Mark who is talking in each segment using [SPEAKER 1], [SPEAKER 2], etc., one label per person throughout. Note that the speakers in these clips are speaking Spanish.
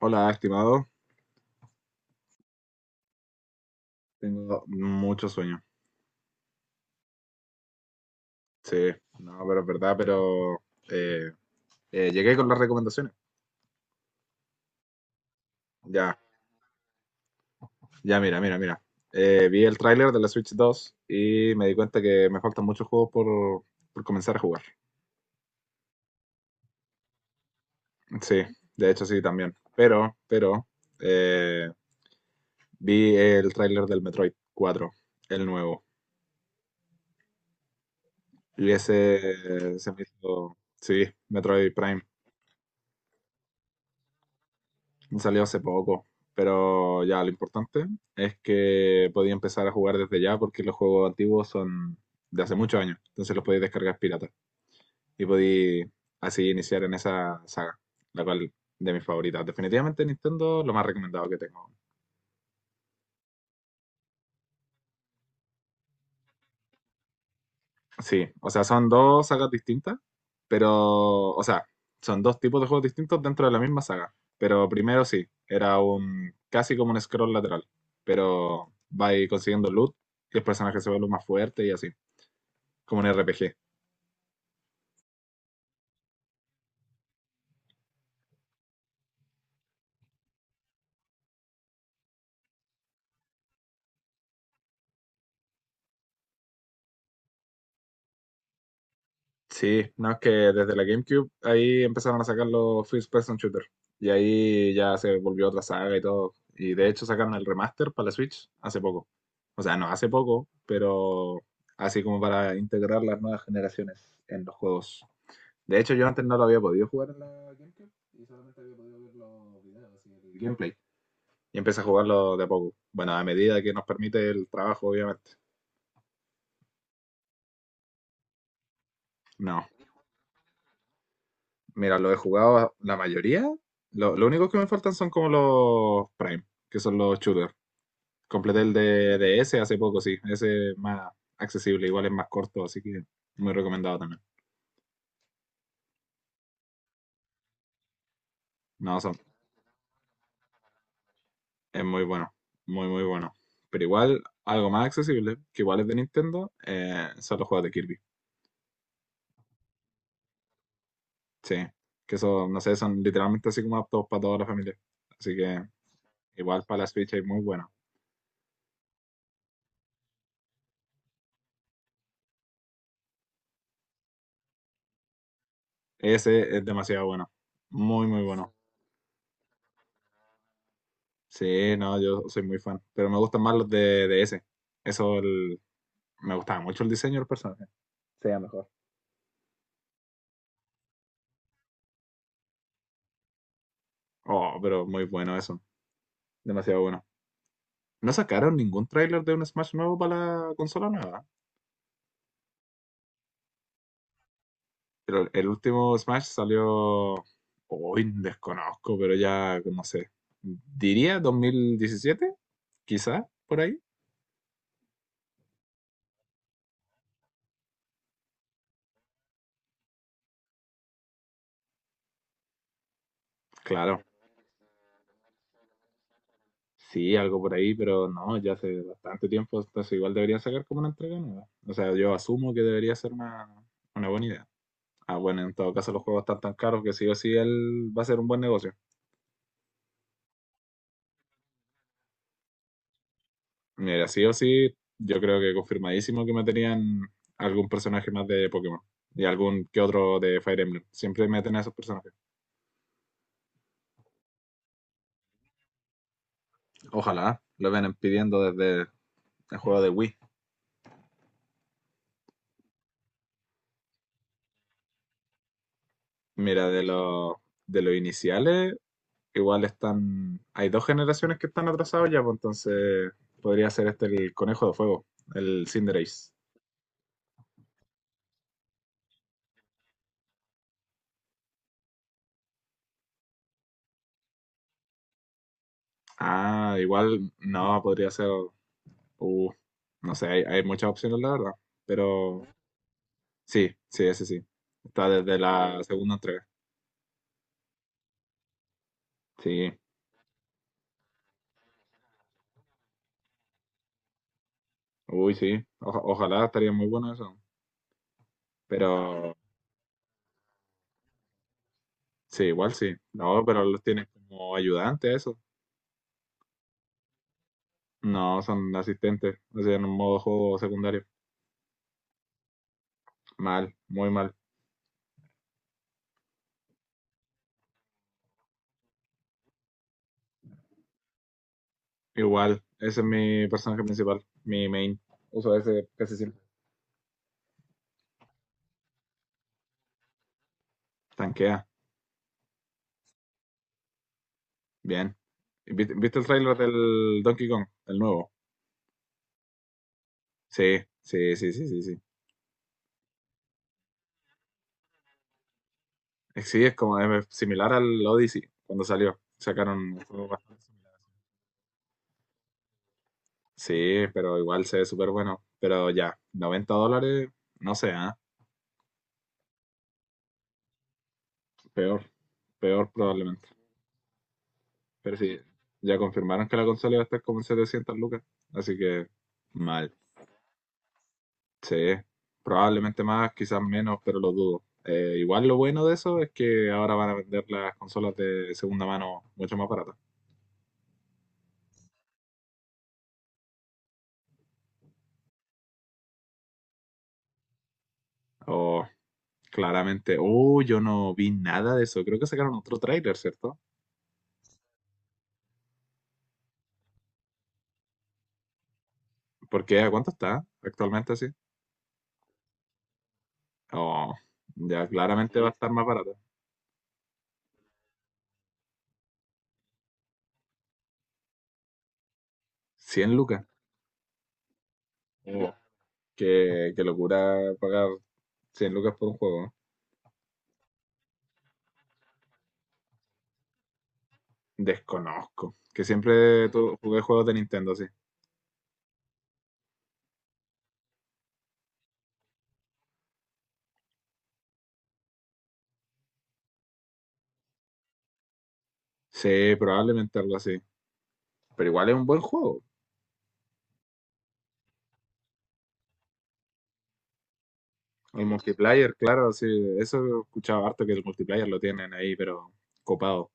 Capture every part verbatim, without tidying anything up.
[SPEAKER 1] Hola, estimado. Tengo mucho sueño. Sí, no, pero es verdad, pero eh, eh, llegué con las recomendaciones. Ya, ya, mira, mira, mira. Eh, vi el tráiler de la Switch dos y me di cuenta que me faltan muchos juegos por, por comenzar a jugar. Sí, de hecho sí, también. Pero, pero, eh, vi el tráiler del Metroid cuatro, el nuevo. Y ese eh, se me hizo, sí, Metroid Prime. Salió hace poco. Pero ya, lo importante es que podía empezar a jugar desde ya porque los juegos antiguos son de hace muchos años. Entonces los podéis descargar pirata. Y podéis así iniciar en esa saga, la cual de mis favoritas. Definitivamente Nintendo, lo más recomendado que tengo. Sí, o sea, son dos sagas distintas, pero, o sea, son dos tipos de juegos distintos dentro de la misma saga. Pero primero sí, era un casi como un scroll lateral, pero va a consiguiendo loot y el personaje se vuelve más fuerte y así, como un R P G. Sí, no, es que desde la GameCube ahí empezaron a sacar los First Person Shooter. Y ahí ya se volvió otra saga y todo. Y de hecho sacaron el remaster para la Switch hace poco. O sea, no hace poco, pero así como para integrar las nuevas generaciones en los juegos. De hecho, yo antes no lo había podido jugar en la GameCube y solamente había podido ver los videos y el gameplay. Y empecé a jugarlo de a poco. Bueno, a medida que nos permite el trabajo, obviamente. No, mira, lo he jugado la mayoría. Lo, lo único que me faltan son como los Prime, que son los shooters. Completé el de, de ese hace poco, sí. Ese es más accesible, igual es más corto, así que muy recomendado también. No, son, es muy bueno, muy, muy bueno. Pero igual, algo más accesible, que igual es de Nintendo, eh, son los juegos de Kirby. Sí, que son, no sé, son literalmente así como aptos para toda la familia. Así que igual para la Switch es muy bueno. Ese es demasiado bueno. Muy, muy bueno. Sí, no, yo soy muy fan, pero me gustan más los de, de ese. Eso, el- me gustaba mucho el diseño del personaje. Sería mejor. Oh, pero muy bueno eso, demasiado bueno. No sacaron ningún tráiler de un Smash nuevo para la consola nueva, pero el- el último Smash salió, hoy desconozco, pero ya no sé, diría dos mil diecisiete, quizá, por ahí. Claro, sí, algo por ahí, pero no, ya hace bastante tiempo, entonces igual debería sacar como una entrega nueva. O sea, yo asumo que debería ser una, una buena idea. Ah, bueno, en todo caso los juegos están tan caros que sí o sí él va a ser un buen negocio. Mira, sí o sí, yo creo que confirmadísimo que meterían algún personaje más de Pokémon y algún que otro de Fire Emblem. Siempre meten a esos personajes. Ojalá, lo vienen pidiendo desde el juego de Wii. Mira, de los de los iniciales, igual están. Hay dos generaciones que están atrasados ya, pues entonces podría ser este el conejo de fuego, el Cinderace. Ah, igual no, podría ser. uh, no sé, hay, hay muchas opciones, la verdad. Pero sí, sí, ese sí. Está desde la segunda entrega. Sí, uy, sí. Oja- ojalá estaría muy bueno eso. Pero sí, igual sí. No, pero los tienes como ayudantes, eso. No, son asistentes. O sea, en un modo juego secundario. Mal, muy mal. Igual, ese es mi personaje principal, mi main. Uso ese casi siempre. Tanquea, bien. ¿Y viste, viste el trailer del Donkey Kong, el nuevo? Sí, sí, sí, sí, sí, sí. Es- sí, es como es similar al Odyssey cuando salió. Sacaron un juego bastante. Sí, pero igual se ve súper bueno. Pero ya, noventa dólares, no sé, ¿ah? Peor, peor probablemente. Pero sí, ya confirmaron que la consola va a estar como en setecientas lucas. Así que, mal. Sí, probablemente más, quizás menos, pero lo dudo. Eh, igual lo bueno de eso es que ahora van a vender las consolas de segunda mano mucho más baratas. O claramente, oh, yo no vi nada de eso. Creo que sacaron otro tráiler, ¿cierto? Porque ¿a cuánto está actualmente así? Oh, ya claramente va a estar más barata. Cien lucas. Oh, qué, qué locura pagar cien lucas por un juego. Desconozco. Que siempre tu- jugué juegos de Nintendo así. Sí, probablemente algo así. Pero igual es un buen juego. El multiplayer, claro, sí, eso he escuchado harto que el multiplayer lo tienen ahí, pero copado.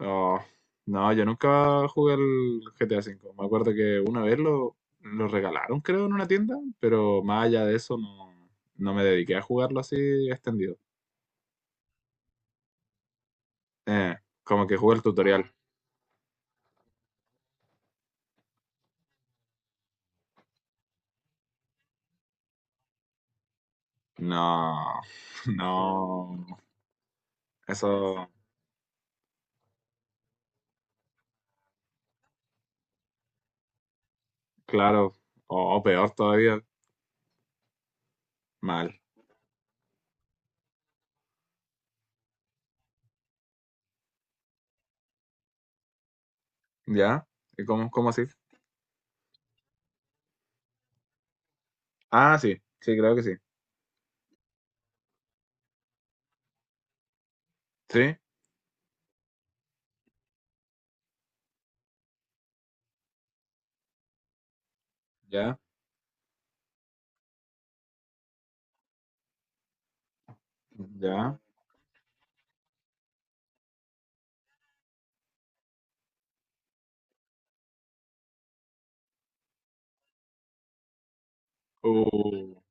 [SPEAKER 1] Oh, no, yo nunca jugué al G T A V. Me acuerdo que una vez lo, lo regalaron, creo, en una tienda, pero más allá de eso no, no me dediqué a jugarlo así extendido. Eh, Como que jugué el tutorial. No, no, no. Eso, claro, o, o peor todavía, mal. ¿Ya? Y cómo, ¿cómo así? Ah, sí, sí, creo que sí. Sí, ya, ya. Oh,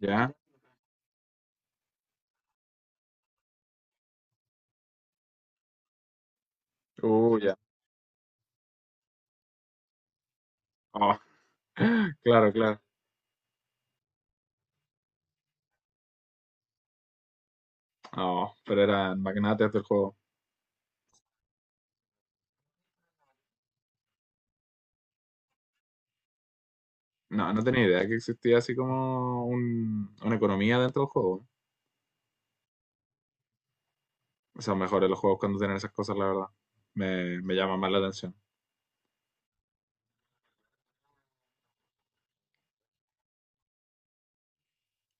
[SPEAKER 1] ya. Oh, ya. Oh, claro, claro. Oh, pero eran magnates del juego. No, no tenía idea que existía así como un- una economía dentro del juego. O sea, mejores los juegos cuando tienen esas cosas, la verdad. Me, me llama más la atención.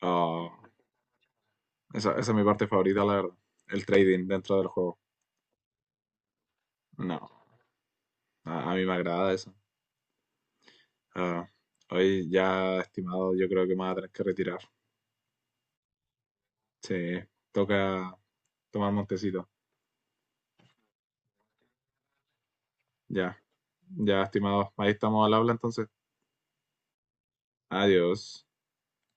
[SPEAKER 1] Oh, esa, esa es mi parte favorita, la verdad. El trading dentro del juego. No, a, a mí me agrada eso. Ah, hoy ya, estimado, yo creo que me voy a tener que retirar. Sí, toca tomar montecito. Ya, ya, estimado. Ahí estamos al habla entonces. Adiós.